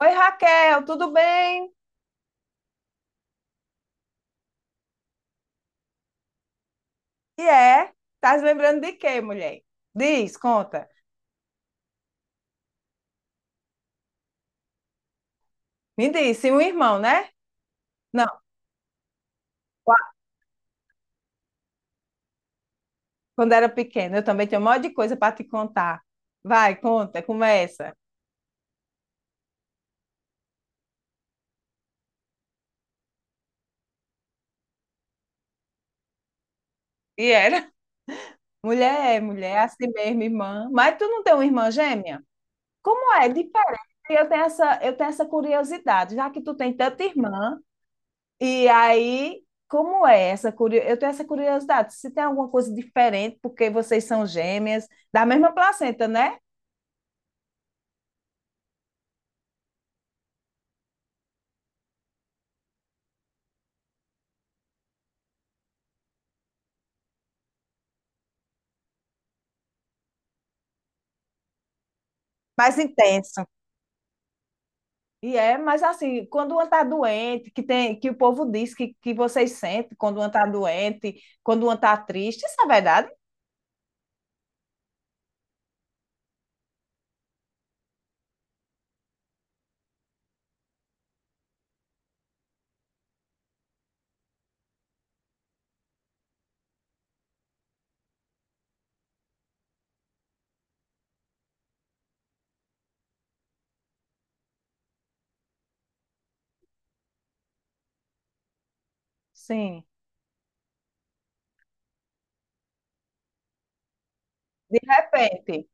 Oi, Raquel, tudo bem? E é? Tá se lembrando de quê, mulher? Diz, conta. Me diz, se um irmão, né? Não, qua- quando era pequena, eu também tinha um monte de coisa para te contar. Vai, conta, começa. E era? Mulher, mulher, assim mesmo, irmã. Mas tu não tem uma irmã gêmea? Como é? Diferente. Eu tenho essa curiosidade, já que tu tem tanta irmã. E aí, como é essa curiosidade? Eu tenho essa curiosidade, se tem alguma coisa diferente, porque vocês são gêmeas, da mesma placenta, né? Mais intenso. E é, mas assim, quando uma está doente, que tem, que o povo diz que vocês sentem quando uma está doente, quando uma está triste, isso é verdade? Sim. De repente,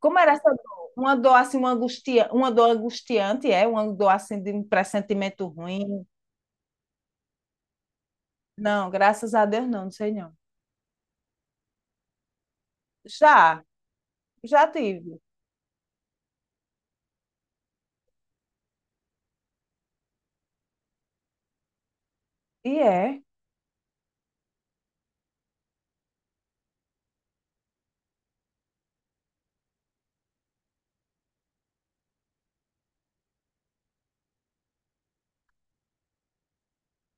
como era essa dor? Uma dor assim, uma angustia, uma dor angustiante, é? Uma dor assim de um pressentimento ruim? Não, graças a Deus não, não sei não. Já, já tive. E é.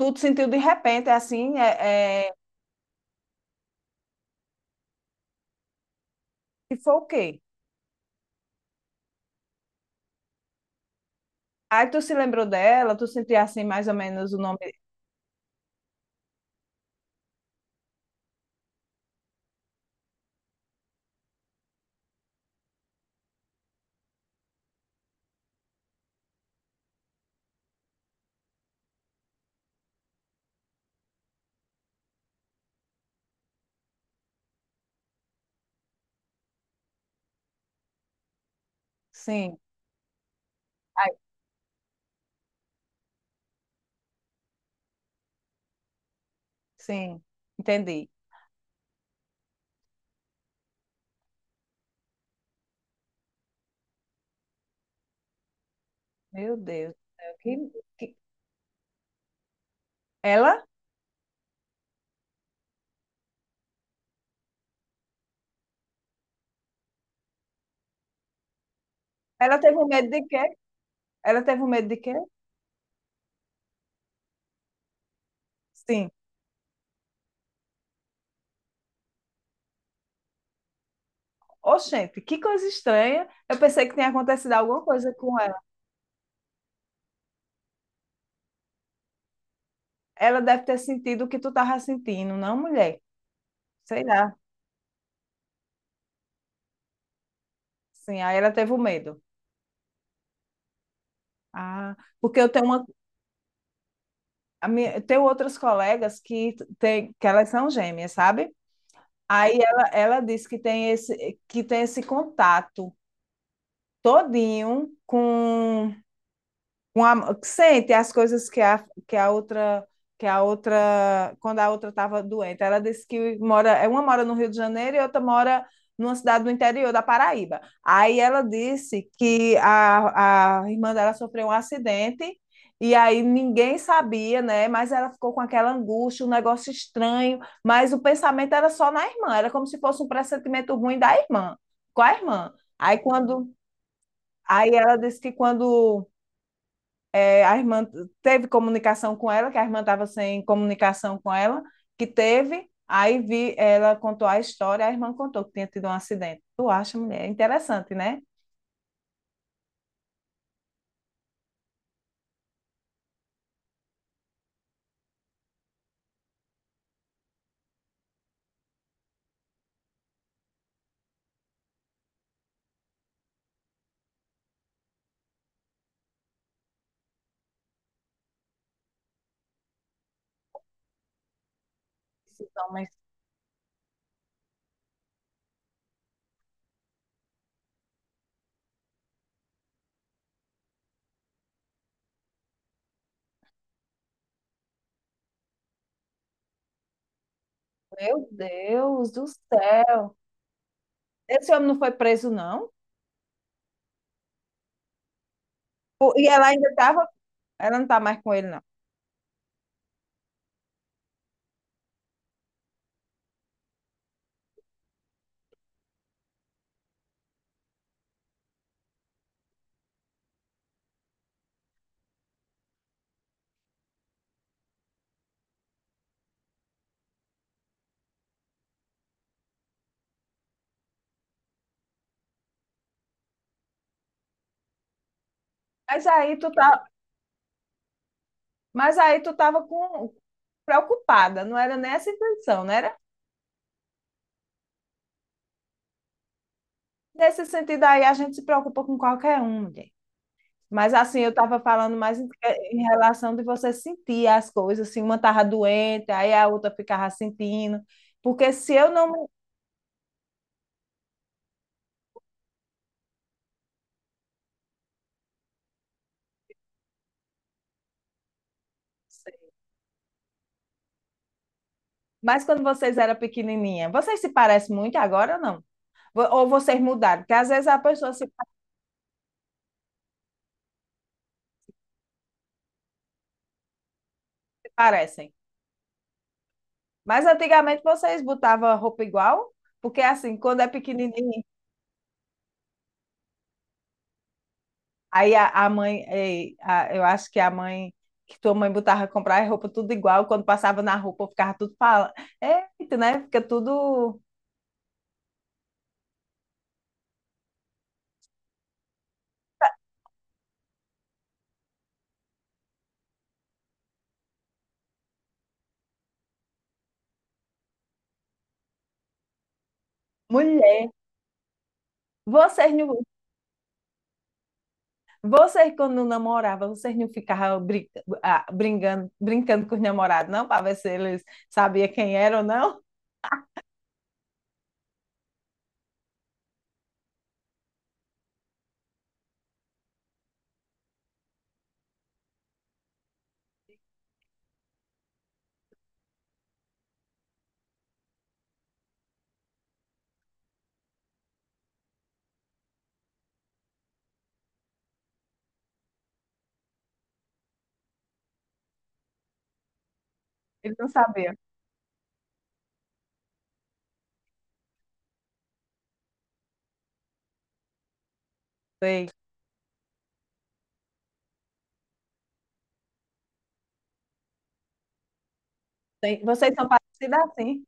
Tu te sentiu de repente, assim, e foi o quê? Aí tu se lembrou dela, tu sentia assim mais ou menos o nome. Sim, aí, sim, entendi. Meu Deus do céu. Que... Ela? Ela teve um medo de quê? Ela teve um medo de quê? Sim. Oxente, que coisa estranha. Eu pensei que tinha acontecido alguma coisa com ela. Ela deve ter sentido o que tu tava sentindo, não, mulher? Sei lá. Sim, aí ela teve o medo. Ah, porque eu tenho uma tenho outras colegas que, tem, que elas são gêmeas, sabe? Ela disse que tem esse contato todinho com a, que sente as coisas que a, que a outra quando a outra estava doente. Ela disse que mora, é, uma mora no Rio de Janeiro e outra mora numa cidade do interior da Paraíba. Aí ela disse que a irmã dela sofreu um acidente e aí ninguém sabia, né? Mas ela ficou com aquela angústia, um negócio estranho, mas o pensamento era só na irmã, era como se fosse um pressentimento ruim da irmã, com a irmã. Aí quando, aí ela disse que quando é, a irmã teve comunicação com ela, que a irmã estava sem comunicação com ela, que teve, aí vi, ela contou a história, a irmã contou que tinha tido um acidente. Tu acha, mulher? É interessante, né? Esses homens, meu Deus do céu. Esse homem não foi preso, não? E ela ainda estava, ela não está mais com ele, não. Mas aí tu tá, mas aí tu estava com... preocupada, não era nessa intenção, não era? Nesse sentido aí, a gente se preocupa com qualquer um, mulher. Mas assim, eu estava falando mais em, em relação de você sentir as coisas, assim, uma estava doente, aí a outra ficava sentindo. Porque se eu não. me- Mas quando vocês eram pequenininha, vocês se parecem muito agora ou não? Ou vocês mudaram? Porque às vezes as pessoas se parecem. Mas antigamente vocês botavam roupa igual? Porque assim, quando é pequenininho, aí a mãe, eu acho que a mãe, que tua mãe botava comprar roupa tudo igual, quando passava na roupa ficava tudo falando. Eita, né? Fica tudo mulher. Vocês não, vocês quando namoravam, vocês não ficavam ah, brincando, brincando com os namorados, não? Para ver se eles sabiam quem era ou não? Eles não sabiam. Sei. Sei. Vocês são parecidos assim.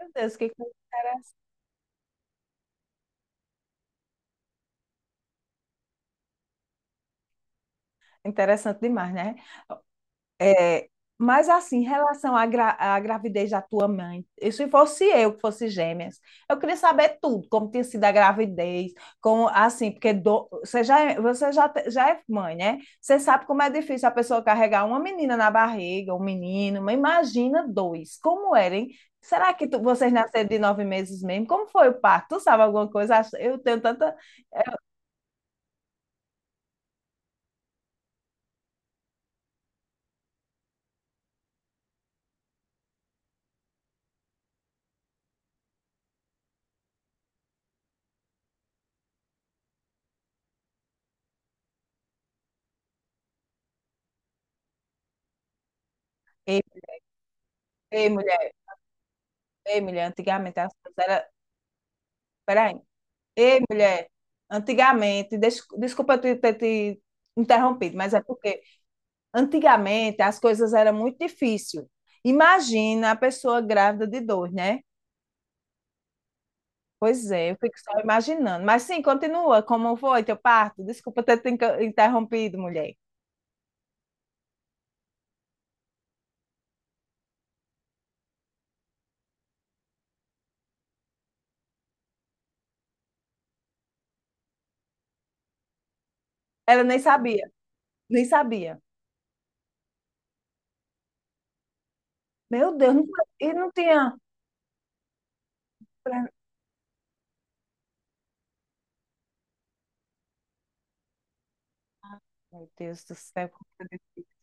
Meu Deus, que coisa interessante. Interessante demais, né? É, mas assim, em relação à, à gravidez da tua mãe, e se fosse eu que fosse gêmeas, eu queria saber tudo, como tinha sido a gravidez, como assim, porque você já, você já, já é mãe, né? Você sabe como é difícil a pessoa carregar uma menina na barriga, um menino, mas imagina dois, como era, hein? Será que vocês nasceram de 9 meses mesmo? Como foi o parto? Tu sabe alguma coisa? Eu tenho tanta. Ei, ei, mulher, ei, mulher, antigamente as coisas eram. Peraí. Ei, mulher, antigamente, desculpa eu ter te interrompido, mas é porque antigamente as coisas eram muito difíceis. Imagina a pessoa grávida de dor, né? Pois é, eu fico só imaginando. Mas sim, continua, como foi teu parto? Desculpa ter te interrompido, mulher. Ela nem sabia, nem sabia. Meu Deus, não, e não tinha. Meu Deus do céu. Como foi difícil.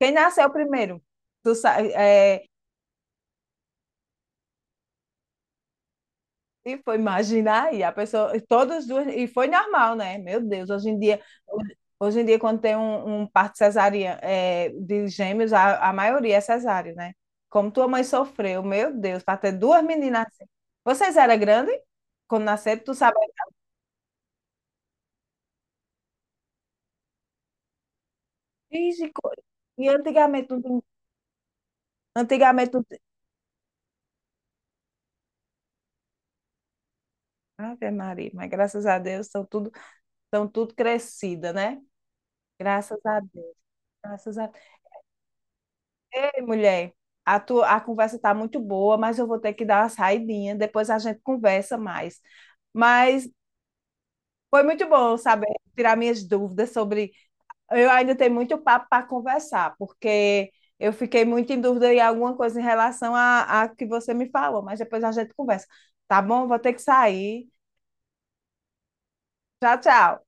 Quem nasceu primeiro? Tu, é, e foi, imagina aí, a pessoa, e todas duas, e foi normal, né? Meu Deus, hoje em dia quando tem um, um parto cesariana, é, de gêmeos, a maioria é cesárea, né? Como tua mãe sofreu, meu Deus, para ter duas meninas assim. Vocês eram grandes? Quando nasceram, tu sabe, Ixi, co- e antigamente, não tinha- Ave Maria, mas graças a Deus, estão tudo crescida, né? Graças a Deus, graças a Ei, mulher, a, tua, a conversa tá muito boa, mas eu vou ter que dar uma saidinha. Depois a gente conversa mais. Mas foi muito bom saber tirar minhas dúvidas sobre. Eu ainda tenho muito papo para conversar, porque eu fiquei muito em dúvida em alguma coisa em relação a que você me falou, mas depois a gente conversa. Tá bom? Vou ter que sair. Tchau, tchau.